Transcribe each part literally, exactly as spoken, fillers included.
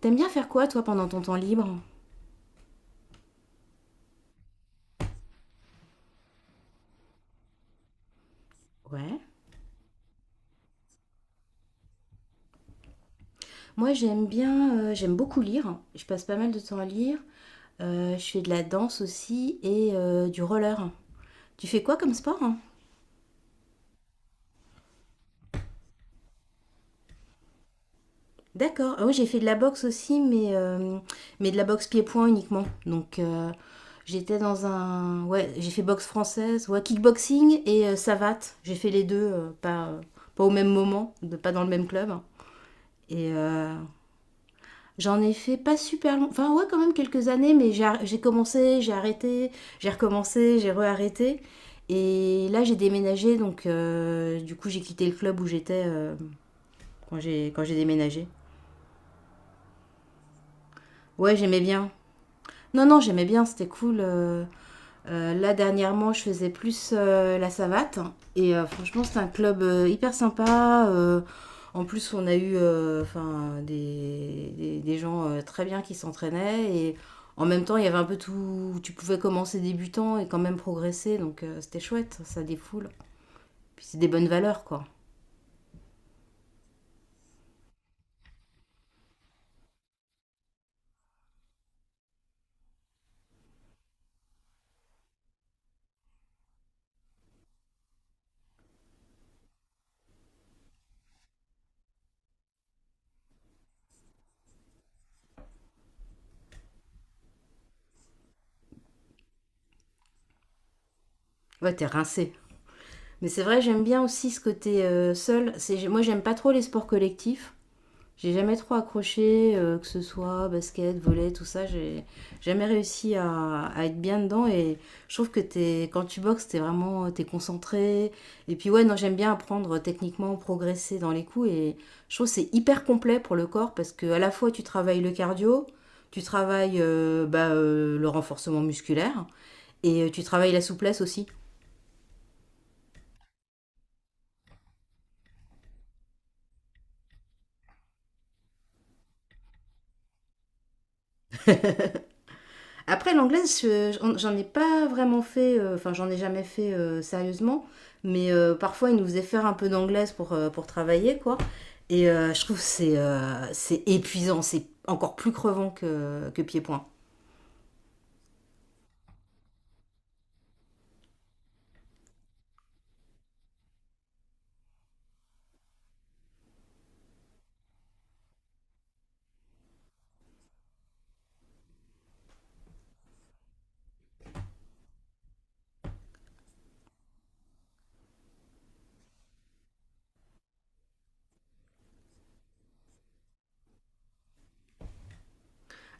T'aimes bien faire quoi toi pendant ton temps libre? Ouais. Moi j'aime bien, euh, j'aime beaucoup lire. Je passe pas mal de temps à lire. Euh, je fais de la danse aussi et euh, du roller. Tu fais quoi comme sport, hein? D'accord. Ah oui, j'ai fait de la boxe aussi, mais, euh, mais de la boxe pied-point uniquement. Donc euh, j'étais dans un... Ouais, j'ai fait boxe française, ouais, kickboxing et euh, savate. J'ai fait les deux, euh, pas, euh, pas au même moment, de, pas dans le même club. Et euh, J'en ai fait pas super long, enfin ouais quand même quelques années, mais j'ai ar- j'ai commencé, j'ai arrêté, j'ai recommencé, j'ai re-arrêté. Et là j'ai déménagé, donc euh, du coup j'ai quitté le club où j'étais euh, quand j'ai quand j'ai déménagé. Ouais j'aimais bien. Non non j'aimais bien, c'était cool. euh. Euh, là, dernièrement, je faisais plus euh, la savate. Et euh, franchement, c'est un club euh, hyper sympa. euh, en plus, on a eu euh, enfin, des, des, des gens euh, très bien qui s'entraînaient. Et en même temps, il y avait un peu tout. Tu pouvais commencer débutant et quand même progresser. Donc, euh, c'était chouette. Ça défoule. Puis, c'est des bonnes valeurs, quoi. Ouais, t'es rincé. Mais c'est vrai, j'aime bien aussi ce côté euh, seul. C'est, moi, j'aime pas trop les sports collectifs. J'ai jamais trop accroché, euh, que ce soit basket, volley, tout ça. J'ai jamais réussi à, à être bien dedans. Et je trouve que t'es, quand tu boxes, t'es vraiment t'es concentré. Et puis ouais, non, j'aime bien apprendre techniquement, progresser dans les coups. Et je trouve que c'est hyper complet pour le corps parce que à la fois tu travailles le cardio, tu travailles euh, bah, euh, le renforcement musculaire et euh, tu travailles la souplesse aussi. Après, l'anglaise, j'en ai pas vraiment fait, euh, enfin, j'en ai jamais fait euh, sérieusement, mais euh, parfois, ils nous faisaient faire un peu d'anglaise pour, euh, pour travailler, quoi. Et euh, je trouve que c'est euh, c'est épuisant, c'est encore plus crevant que, que pied-point.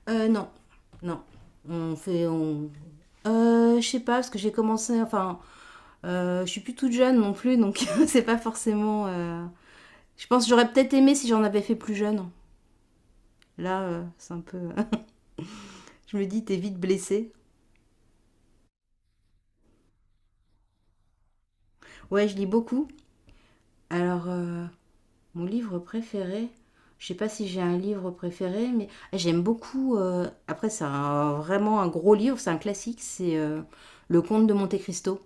Euh, non, non. On fait. On... Euh, je sais pas, parce que j'ai commencé. Enfin, euh, je suis plus toute jeune non plus, donc c'est pas forcément. euh, Je pense que j'aurais peut-être aimé si j'en avais fait plus jeune. Là, euh, c'est un peu. Je me dis, t'es vite blessée. Ouais, je lis beaucoup. Alors, euh, mon livre préféré, je sais pas si j'ai un livre préféré, mais j'aime beaucoup. euh, après, c'est un- vraiment un gros livre, c'est un classique, c'est euh, Le Comte de Monte Cristo.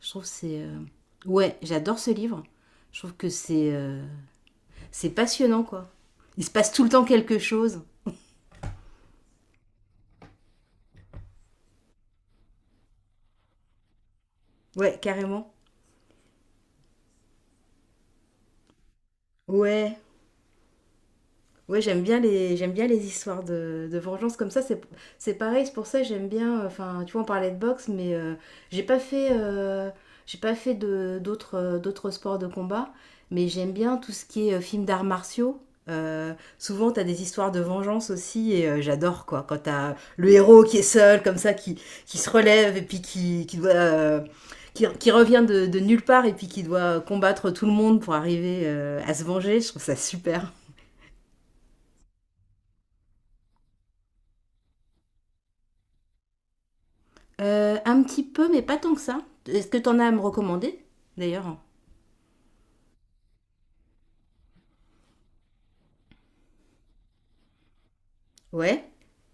Je trouve que c'est. euh, Ouais, j'adore ce livre. Je trouve que c'est euh, c'est passionnant, quoi. Il se passe tout le temps quelque chose. Ouais, carrément. Ouais. Oui, j'aime bien les j'aime bien les histoires de, de vengeance comme ça. C'est c'est pareil, c'est pour ça que j'aime bien. Enfin, tu vois, on parlait de boxe, mais euh, j'ai pas fait euh, j'ai pas fait de d'autres euh, d'autres sports de combat, mais j'aime bien tout ce qui est euh, film d'arts martiaux. Euh, souvent, t'as des histoires de vengeance aussi, et euh, j'adore quoi. Quand t'as le héros qui est seul, comme ça, qui qui se relève et puis qui qui doit euh, qui, qui revient de, de nulle part et puis qui doit combattre tout le monde pour arriver euh, à se venger, je trouve ça super. Euh, un petit peu, mais pas tant que ça. Est-ce que t'en as à me recommander, d'ailleurs? Ouais.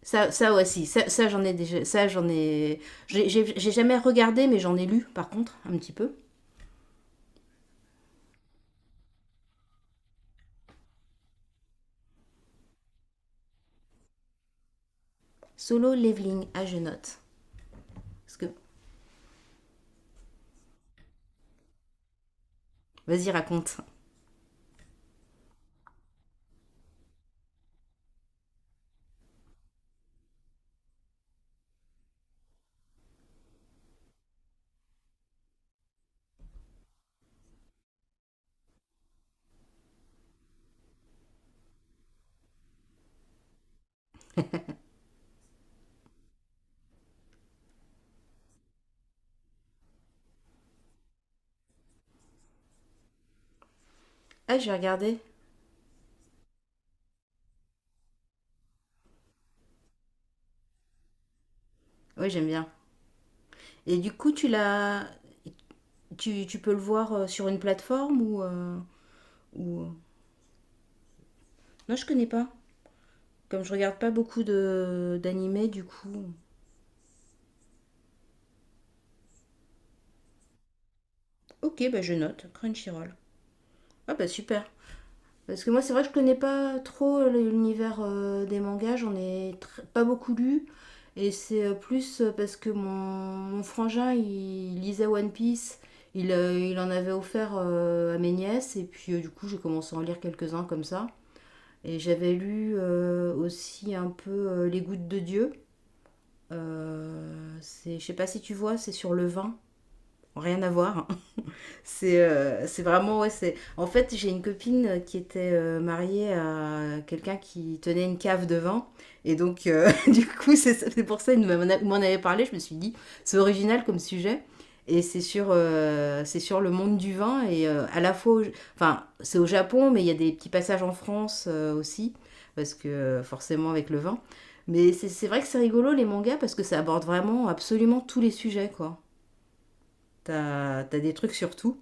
Ça, ça aussi, ça, ça j'en ai déjà, ça j'en ai, j'ai j'ai- j'ai jamais regardé, mais j'en ai lu par contre, un petit peu. Solo Leveling, ah je note. Parce que, vas-y raconte. Ah j'ai regardé, oui j'aime bien. Et du coup tu l'as, tu, tu peux le voir euh, sur une plateforme ou, euh, ou... euh, Non je connais pas, comme je regarde pas beaucoup de d'animés du coup. Ok bah je note, Crunchyroll. Ah bah super. Parce que moi, c'est vrai que je connais pas trop l'univers euh, des mangas, j'en ai tr- pas beaucoup lu. Et c'est euh, plus euh, parce que mon, mon frangin, il lisait One Piece, il, euh, il en avait offert euh, à mes nièces, et puis euh, du coup, j'ai commencé à en lire quelques-uns comme ça. Et j'avais lu euh, aussi un peu euh, Les Gouttes de Dieu. Euh, c'est, je sais pas si tu vois, c'est sur le vin. Rien à voir. C'est euh, c'est vraiment, ouais, c'est... En fait, j'ai une copine qui était euh, mariée à quelqu'un qui tenait une cave de vin. Et donc, euh, du coup, c'est c'est pour ça qu'il m'en a- m'en avait parlé. Je me suis dit, c'est original comme sujet. Et c'est sur, euh, c'est sur le monde du vin. Et euh, à la fois, au- enfin, c'est au Japon, mais il y a des petits passages en France euh, aussi. Parce que euh, forcément, avec le vin. Mais c'est c'est vrai que c'est rigolo, les mangas, parce que ça aborde vraiment absolument tous les sujets, quoi. T'as, t'as des trucs sur tout.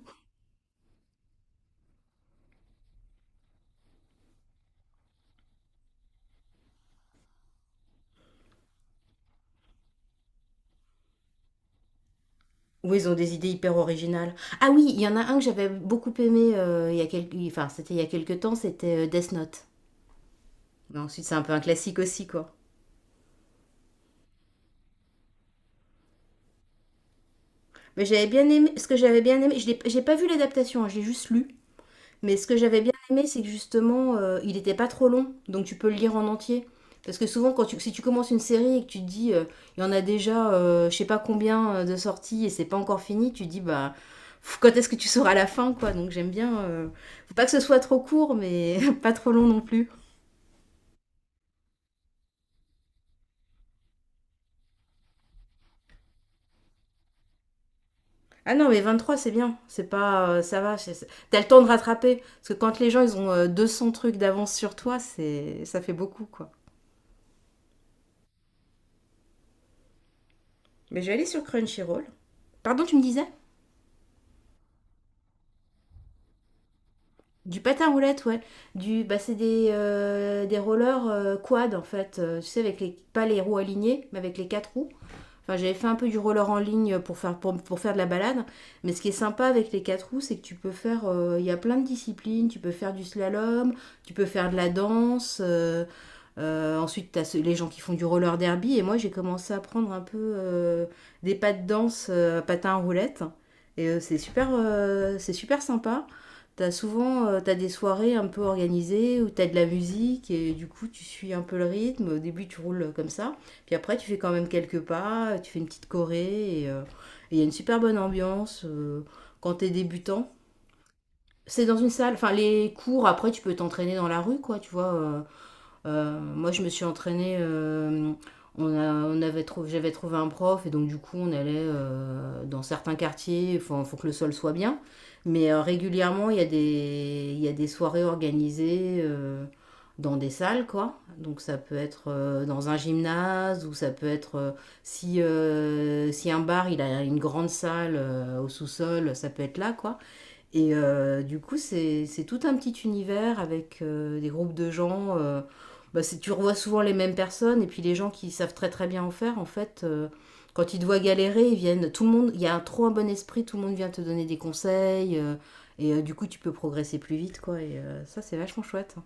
Oui, ils ont des idées hyper originales. Ah oui, il y en a un que j'avais beaucoup aimé euh, il y a quelques... Enfin, c'était il y a quelques temps, c'était euh, Death Note. Mais ensuite, c'est un peu un classique aussi, quoi. Mais j'avais bien aimé... Ce que j'avais bien aimé... Je l'ai- j'ai pas vu l'adaptation, hein, j'ai juste lu. Mais ce que j'avais bien aimé, c'est que justement, euh, il n'était pas trop long, donc tu peux le lire en entier. Parce que souvent, quand tu, si tu commences une série et que tu te dis, euh, il y en a déjà, euh, je sais pas combien euh, de sorties et c'est pas encore fini, tu te dis, bah, pff, quand est-ce que tu sauras la fin, quoi. Donc j'aime bien. euh, faut pas que ce soit trop court, mais pas trop long non plus. Ah non, mais vingt-trois, c'est bien. C'est pas, euh, ça va. c'est- c'est- T'as le temps de rattraper. Parce que quand les gens, ils ont euh, deux cents trucs d'avance sur toi, c'est, ça fait beaucoup, quoi. Mais je vais aller sur Crunchyroll. Pardon, tu me disais? Du patin à roulettes, ouais. Du, bah, c'est des, euh, des rollers euh, quad en fait. Euh, tu sais, avec les, pas les roues alignées, mais avec les quatre roues. Enfin, j'avais fait un peu du roller en ligne pour faire, pour, pour faire de la balade. Mais ce qui est sympa avec les quatre roues, c'est que tu peux faire. euh, Il y a plein de disciplines. Tu peux faire du slalom, tu peux faire de la danse. euh, euh, ensuite, tu as les gens qui font du roller derby. Et moi, j'ai commencé à prendre un peu euh, des pas de danse, euh, patins à roulettes. Et euh, c'est super, euh, c'est super sympa. T'as souvent euh, t'as des soirées un peu organisées où t'as de la musique et du coup tu suis un peu le rythme. Au début tu roules comme ça, puis après tu fais quand même quelques pas, tu fais une petite choré et euh, et il y a une super bonne ambiance euh, quand t'es débutant. C'est dans une salle, enfin les cours après tu peux t'entraîner dans la rue quoi, tu vois. euh, euh, moi, je me suis entraînée. euh, on a, on avait trouvé, j'avais trouvé un prof et donc du coup, on allait euh, dans certains quartiers. Il faut, faut que le sol soit bien. Mais euh, régulièrement, il y a des, il y a des soirées organisées euh, dans des salles, quoi. Donc ça peut être euh, dans un gymnase ou ça peut être euh, si, euh, si un bar, il a une grande salle euh, au sous-sol, ça peut être là, quoi. Et euh, du coup, c'est c'est tout un petit univers avec euh, des groupes de gens. euh, bah, c'est- tu revois souvent les mêmes personnes, et puis les gens qui savent très très bien en faire, en fait, euh, quand ils te voient galérer, ils viennent. Tout le monde, il y a un, trop un bon esprit, tout le monde vient te donner des conseils, euh, et euh, du coup, tu peux progresser plus vite, quoi. Et euh, ça, c'est vachement chouette.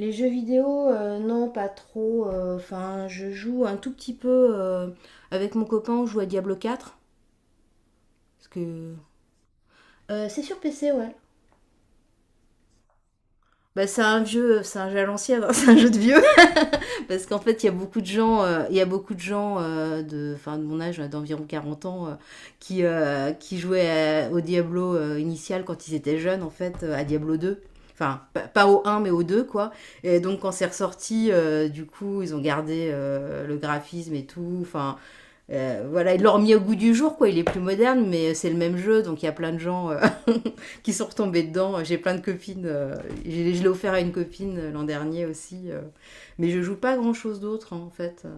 Les jeux vidéo, euh, non, pas trop. euh, Enfin, je joue un tout petit peu euh, avec mon copain, on joue à Diablo quatre, parce que. Euh, c'est sur P C, ouais. Bah, c'est un vieux, c'est un jeu à l'ancienne, hein, c'est un jeu de vieux. Parce qu'en fait, il y a beaucoup de gens, euh, il y a beaucoup de gens euh, de, enfin, de mon âge, euh, d'environ quarante ans, euh, qui, euh, qui jouaient à- au Diablo euh, initial quand ils étaient jeunes, en fait, euh, à Diablo deux. Enfin, pa- pas au un, mais au deux, quoi. Et donc, quand c'est ressorti, euh, du coup, ils ont gardé euh, le graphisme et tout. Enfin, euh, voilà, ils l'ont remis au goût du jour, quoi. Il est plus moderne, mais c'est le même jeu. Donc, il y a plein de gens euh, qui sont retombées dedans. J'ai plein de copines. euh, j'ai- je l'ai offert à une copine euh, l'an dernier aussi. euh, mais je joue pas grand chose d'autre hein, en fait. Euh,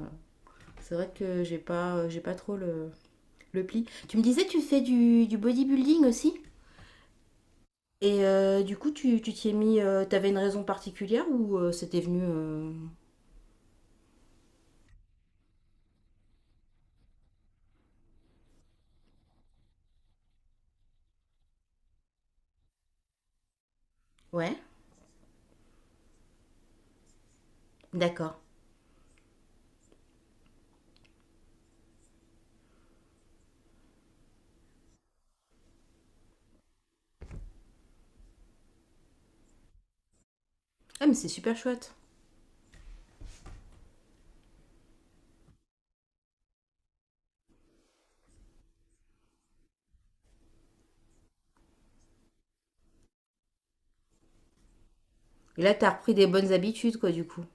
C'est vrai que j'ai pas, euh, j'ai pas trop le, le pli. Tu me disais, tu fais du, du bodybuilding aussi? Et euh, du coup, tu tu t'y es mis. euh, T'avais une raison particulière ou euh, c'était venu. euh, Ouais. D'accord. Ah, mais c'est super chouette. Et là, t'as repris des bonnes habitudes, quoi, du coup.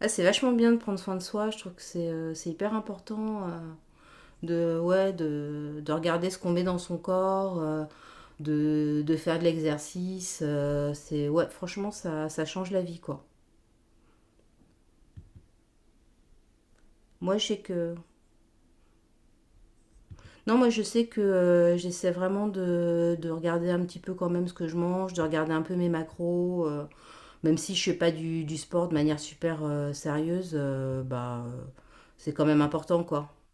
Ah, c'est vachement bien de prendre soin de soi. Je trouve que c'est euh, c'est hyper important. euh, de, ouais, de, de regarder ce qu'on met dans son corps, euh, de, de faire de l'exercice. euh, c'est ouais, franchement, ça, ça change la vie, quoi. Moi, je sais que non, moi, je sais que euh, j'essaie vraiment de, de regarder un petit peu quand même ce que je mange, de regarder un peu mes macros, euh, même si je ne fais pas du, du sport de manière super euh, sérieuse, euh, bah, euh, c'est quand même important, quoi.